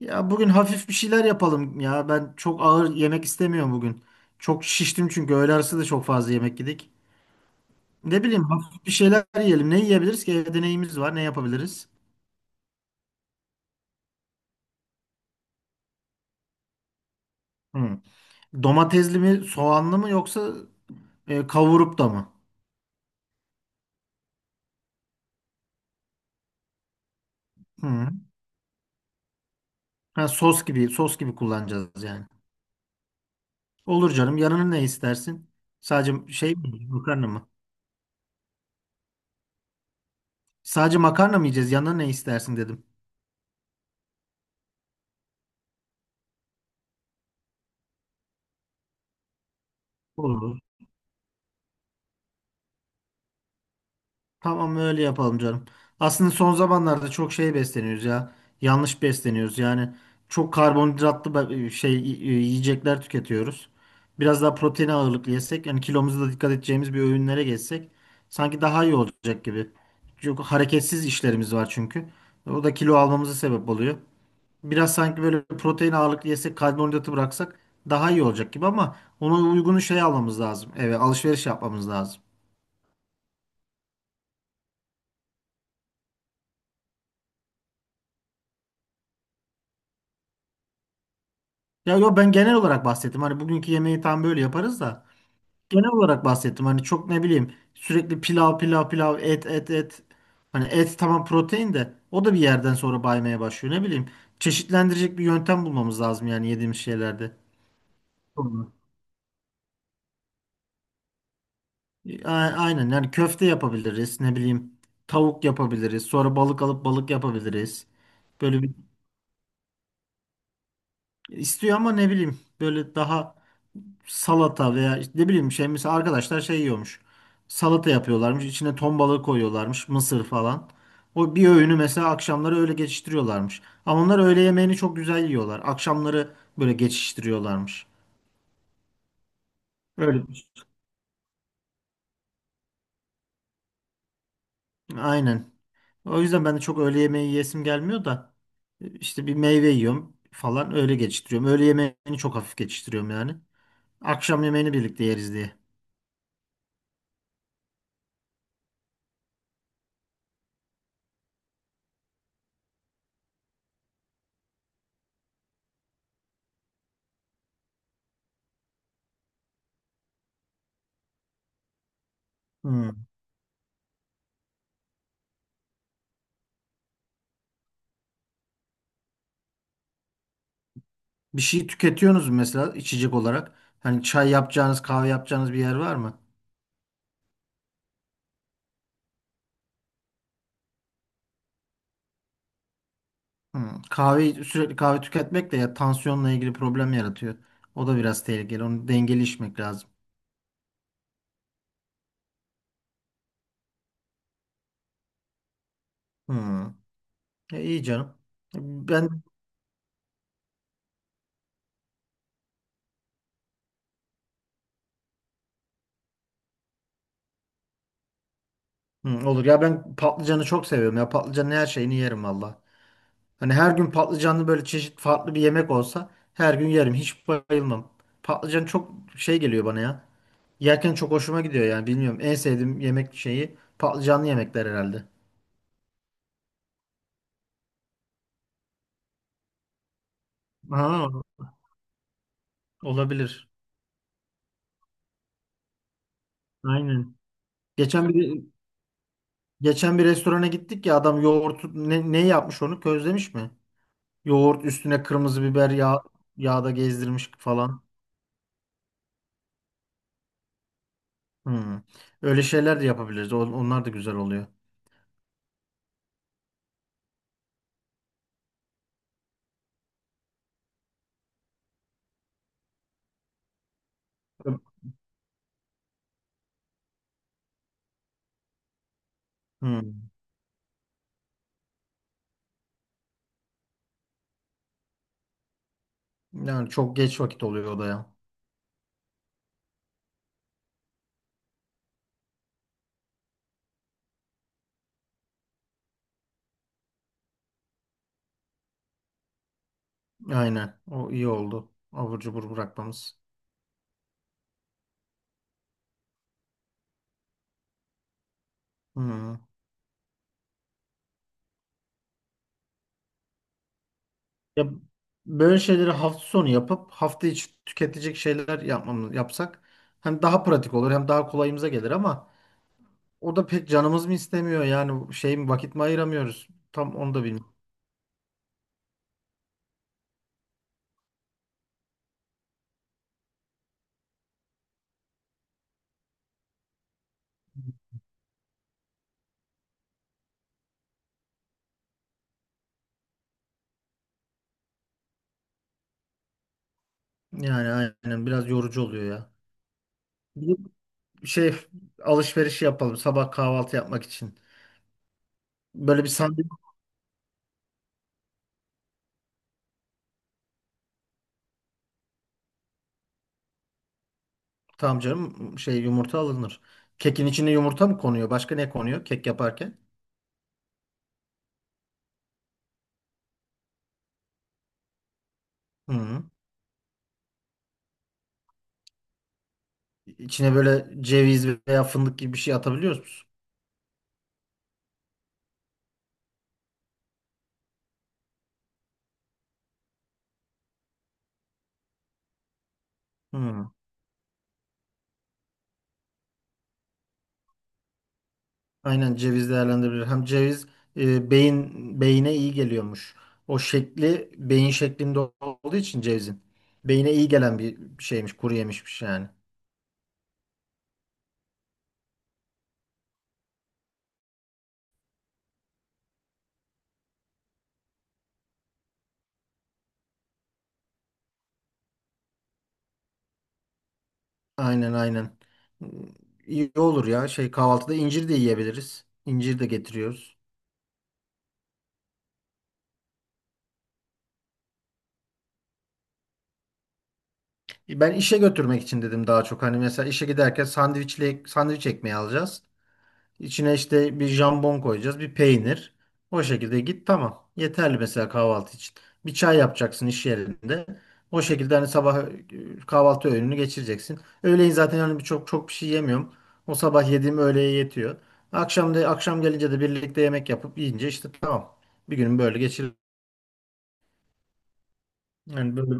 Ya bugün hafif bir şeyler yapalım ya. Ben çok ağır yemek istemiyorum bugün. Çok şiştim çünkü öğle arası da çok fazla yemek yedik. Ne bileyim hafif bir şeyler yiyelim. Ne yiyebiliriz ki? Evde neyimiz var? Ne yapabiliriz? Hı. Domatesli mi, soğanlı mı yoksa kavurup da mı? Hı. Ha, sos gibi, sos gibi kullanacağız yani. Olur canım. Yanına ne istersin? Sadece şey mi? Makarna mı? Sadece makarna mı yiyeceğiz? Yanına ne istersin dedim. Olur. Tamam öyle yapalım canım. Aslında son zamanlarda çok şey besleniyoruz ya. Yanlış besleniyoruz. Yani çok karbonhidratlı yiyecekler tüketiyoruz. Biraz daha protein ağırlıklı yesek, yani kilomuza da dikkat edeceğimiz bir öğünlere geçsek sanki daha iyi olacak gibi. Çok hareketsiz işlerimiz var çünkü. O da kilo almamıza sebep oluyor. Biraz sanki böyle protein ağırlıklı yesek, karbonhidratı bıraksak daha iyi olacak gibi ama ona uygun şey almamız lazım. Evet, alışveriş yapmamız lazım. Ya yo, ben genel olarak bahsettim. Hani bugünkü yemeği tam böyle yaparız da genel olarak bahsettim. Hani çok ne bileyim sürekli pilav pilav pilav et et et. Hani et tamam, protein de o da bir yerden sonra baymaya başlıyor. Ne bileyim çeşitlendirecek bir yöntem bulmamız lazım yani yediğimiz şeylerde. Doğru. A- Aynen, yani köfte yapabiliriz, ne bileyim tavuk yapabiliriz. Sonra balık alıp balık yapabiliriz. Böyle bir istiyor ama ne bileyim böyle daha salata veya işte ne bileyim şey, mesela arkadaşlar şey yiyormuş. Salata yapıyorlarmış. İçine ton balığı koyuyorlarmış. Mısır falan. O bir öğünü mesela akşamları öyle geçiştiriyorlarmış. Ama onlar öğle yemeğini çok güzel yiyorlar. Akşamları böyle geçiştiriyorlarmış. Öyle. Bir şey. Aynen. O yüzden ben de çok öğle yemeği yiyesim gelmiyor da işte bir meyve yiyorum falan, öyle geçiştiriyorum. Öğle yemeğini çok hafif geçiştiriyorum yani. Akşam yemeğini birlikte yeriz diye. Hmm. Bir şey tüketiyorsunuz mu mesela içecek olarak? Hani çay yapacağınız, kahve yapacağınız bir yer var mı? Hmm. Kahve, sürekli kahve tüketmek de ya tansiyonla ilgili problem yaratıyor. O da biraz tehlikeli. Onu dengeli içmek lazım. Hmm. E, iyi canım. Ben olur ya, ben patlıcanı çok seviyorum ya. Patlıcanın her şeyini yerim valla. Hani her gün patlıcanlı böyle çeşit farklı bir yemek olsa her gün yerim. Hiç bayılmam. Patlıcan çok şey geliyor bana ya. Yerken çok hoşuma gidiyor yani, bilmiyorum. En sevdiğim yemek şeyi patlıcanlı yemekler herhalde. Ha, olabilir. Aynen. Geçen bir geçen bir restorana gittik ya, adam yoğurt ne yapmış, onu közlemiş mi? Yoğurt üstüne kırmızı biber yağda gezdirmiş falan. Hmm. Öyle şeyler de yapabiliriz. Onlar da güzel oluyor. Hmm. Yani çok geç vakit oluyor o da ya. Aynen. O iyi oldu. Abur cubur bırakmamız. Hmm. Ya böyle şeyleri hafta sonu yapıp hafta içi tüketecek şeyler yapsak hem daha pratik olur hem daha kolayımıza gelir ama o da pek canımız mı istemiyor yani, şey mi vakit mi ayıramıyoruz? Tam onu da bilmiyorum. Yani aynen biraz yorucu oluyor ya. Bir şey Alışveriş yapalım sabah kahvaltı yapmak için. Böyle bir sandviç. Tamam canım, şey, yumurta alınır. Kekin içine yumurta mı konuyor? Başka ne konuyor kek yaparken? Hı. İçine böyle ceviz veya fındık gibi bir şey atabiliyor musun? Hı. Aynen, ceviz değerlendirilir. Hem ceviz beyine iyi geliyormuş. O şekli beyin şeklinde olduğu için cevizin. Beyine iyi gelen bir şeymiş, kuru yemişmiş yani. Aynen, aynen. İyi olur ya. Şey, kahvaltıda incir de yiyebiliriz. İncir de getiriyoruz. Ben işe götürmek için dedim daha çok. Hani mesela işe giderken sandviç ekmeği alacağız. İçine işte bir jambon koyacağız, bir peynir. O şekilde git, tamam. Yeterli mesela kahvaltı için. Bir çay yapacaksın iş yerinde. O şekilde hani sabah kahvaltı öğününü geçireceksin. Öğleyin zaten hani çok çok bir şey yemiyorum. O sabah yediğim öğleye yetiyor. Akşam gelince de birlikte yemek yapıp yiyince işte tamam. Bir günün böyle geçir. Yani böyle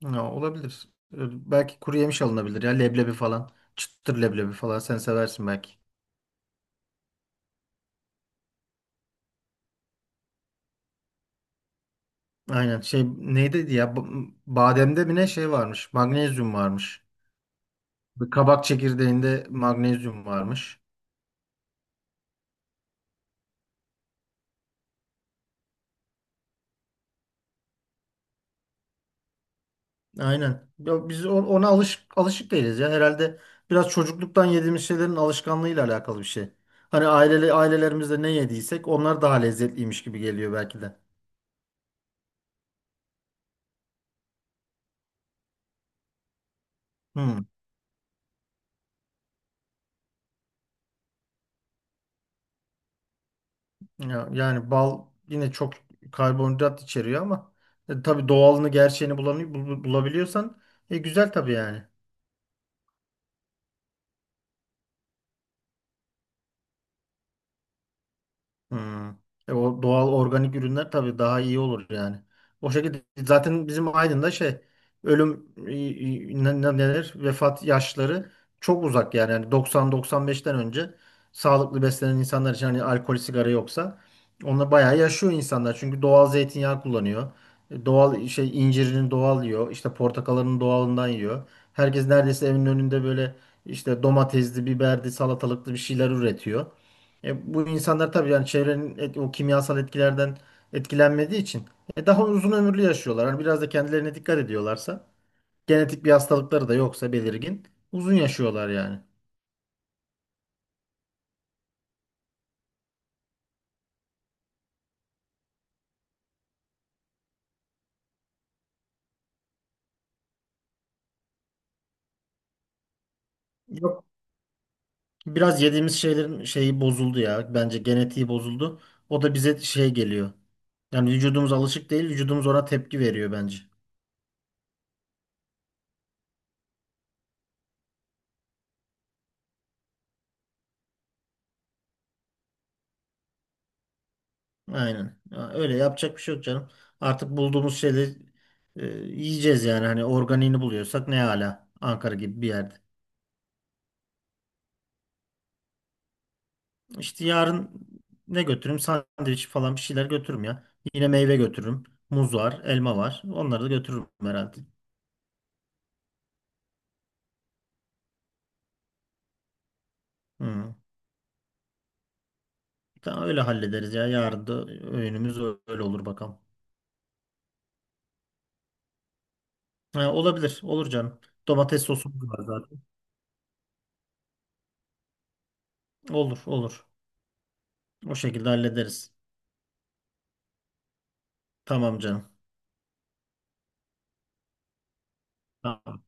ya, olabilir. Belki kuru yemiş alınabilir ya, leblebi falan. Çıtır leblebi falan sen seversin belki. Aynen. Şey, neydi ya, bademde mi ne, şey varmış, magnezyum varmış. Bir kabak çekirdeğinde magnezyum varmış. Aynen. Ya biz ona alışık değiliz ya herhalde, biraz çocukluktan yediğimiz şeylerin alışkanlığıyla alakalı bir şey. Hani ailelerimizde ne yediysek onlar daha lezzetliymiş gibi geliyor belki de. Hmm. Ya, yani bal yine çok karbonhidrat içeriyor ama tabii doğalını, gerçeğini bulabiliyorsan güzel tabii yani. Hmm. O doğal organik ürünler tabii daha iyi olur yani. O şekilde zaten bizim Aydın'da şey, ölüm neler, vefat yaşları çok uzak yani. Yani 90-95'ten önce sağlıklı beslenen insanlar için, hani alkol sigara yoksa onlar bayağı yaşıyor insanlar. Çünkü doğal zeytinyağı kullanıyor. Doğal şey, incirini doğal yiyor. İşte portakalının doğalından yiyor. Herkes neredeyse evinin önünde böyle işte domatesli, biberli, salatalıklı bir şeyler üretiyor. Bu insanlar tabii yani çevrenin o kimyasal etkilerden etkilenmediği için daha uzun ömürlü yaşıyorlar. Hani biraz da kendilerine dikkat ediyorlarsa, genetik bir hastalıkları da yoksa belirgin, uzun yaşıyorlar yani. Yok. Biraz yediğimiz şeylerin şeyi bozuldu ya. Bence genetiği bozuldu. O da bize şey geliyor. Yani vücudumuz alışık değil, vücudumuz ona tepki veriyor bence. Aynen. Ya, öyle yapacak bir şey yok canım. Artık bulduğumuz şeyleri yiyeceğiz yani. Hani organiğini buluyorsak ne, hala Ankara gibi bir yerde. İşte yarın ne götürürüm? Sandviç falan, bir şeyler götürürüm ya. Yine meyve götürürüm. Muz var, elma var. Onları da götürürüm herhalde. Hı. Tamam, öyle hallederiz ya. Yarın da öğünümüz öyle olur bakalım. Ha, olabilir. Olur canım. Domates sosumuz var zaten. Olur, olur. O şekilde hallederiz. Tamam canım. Tamam.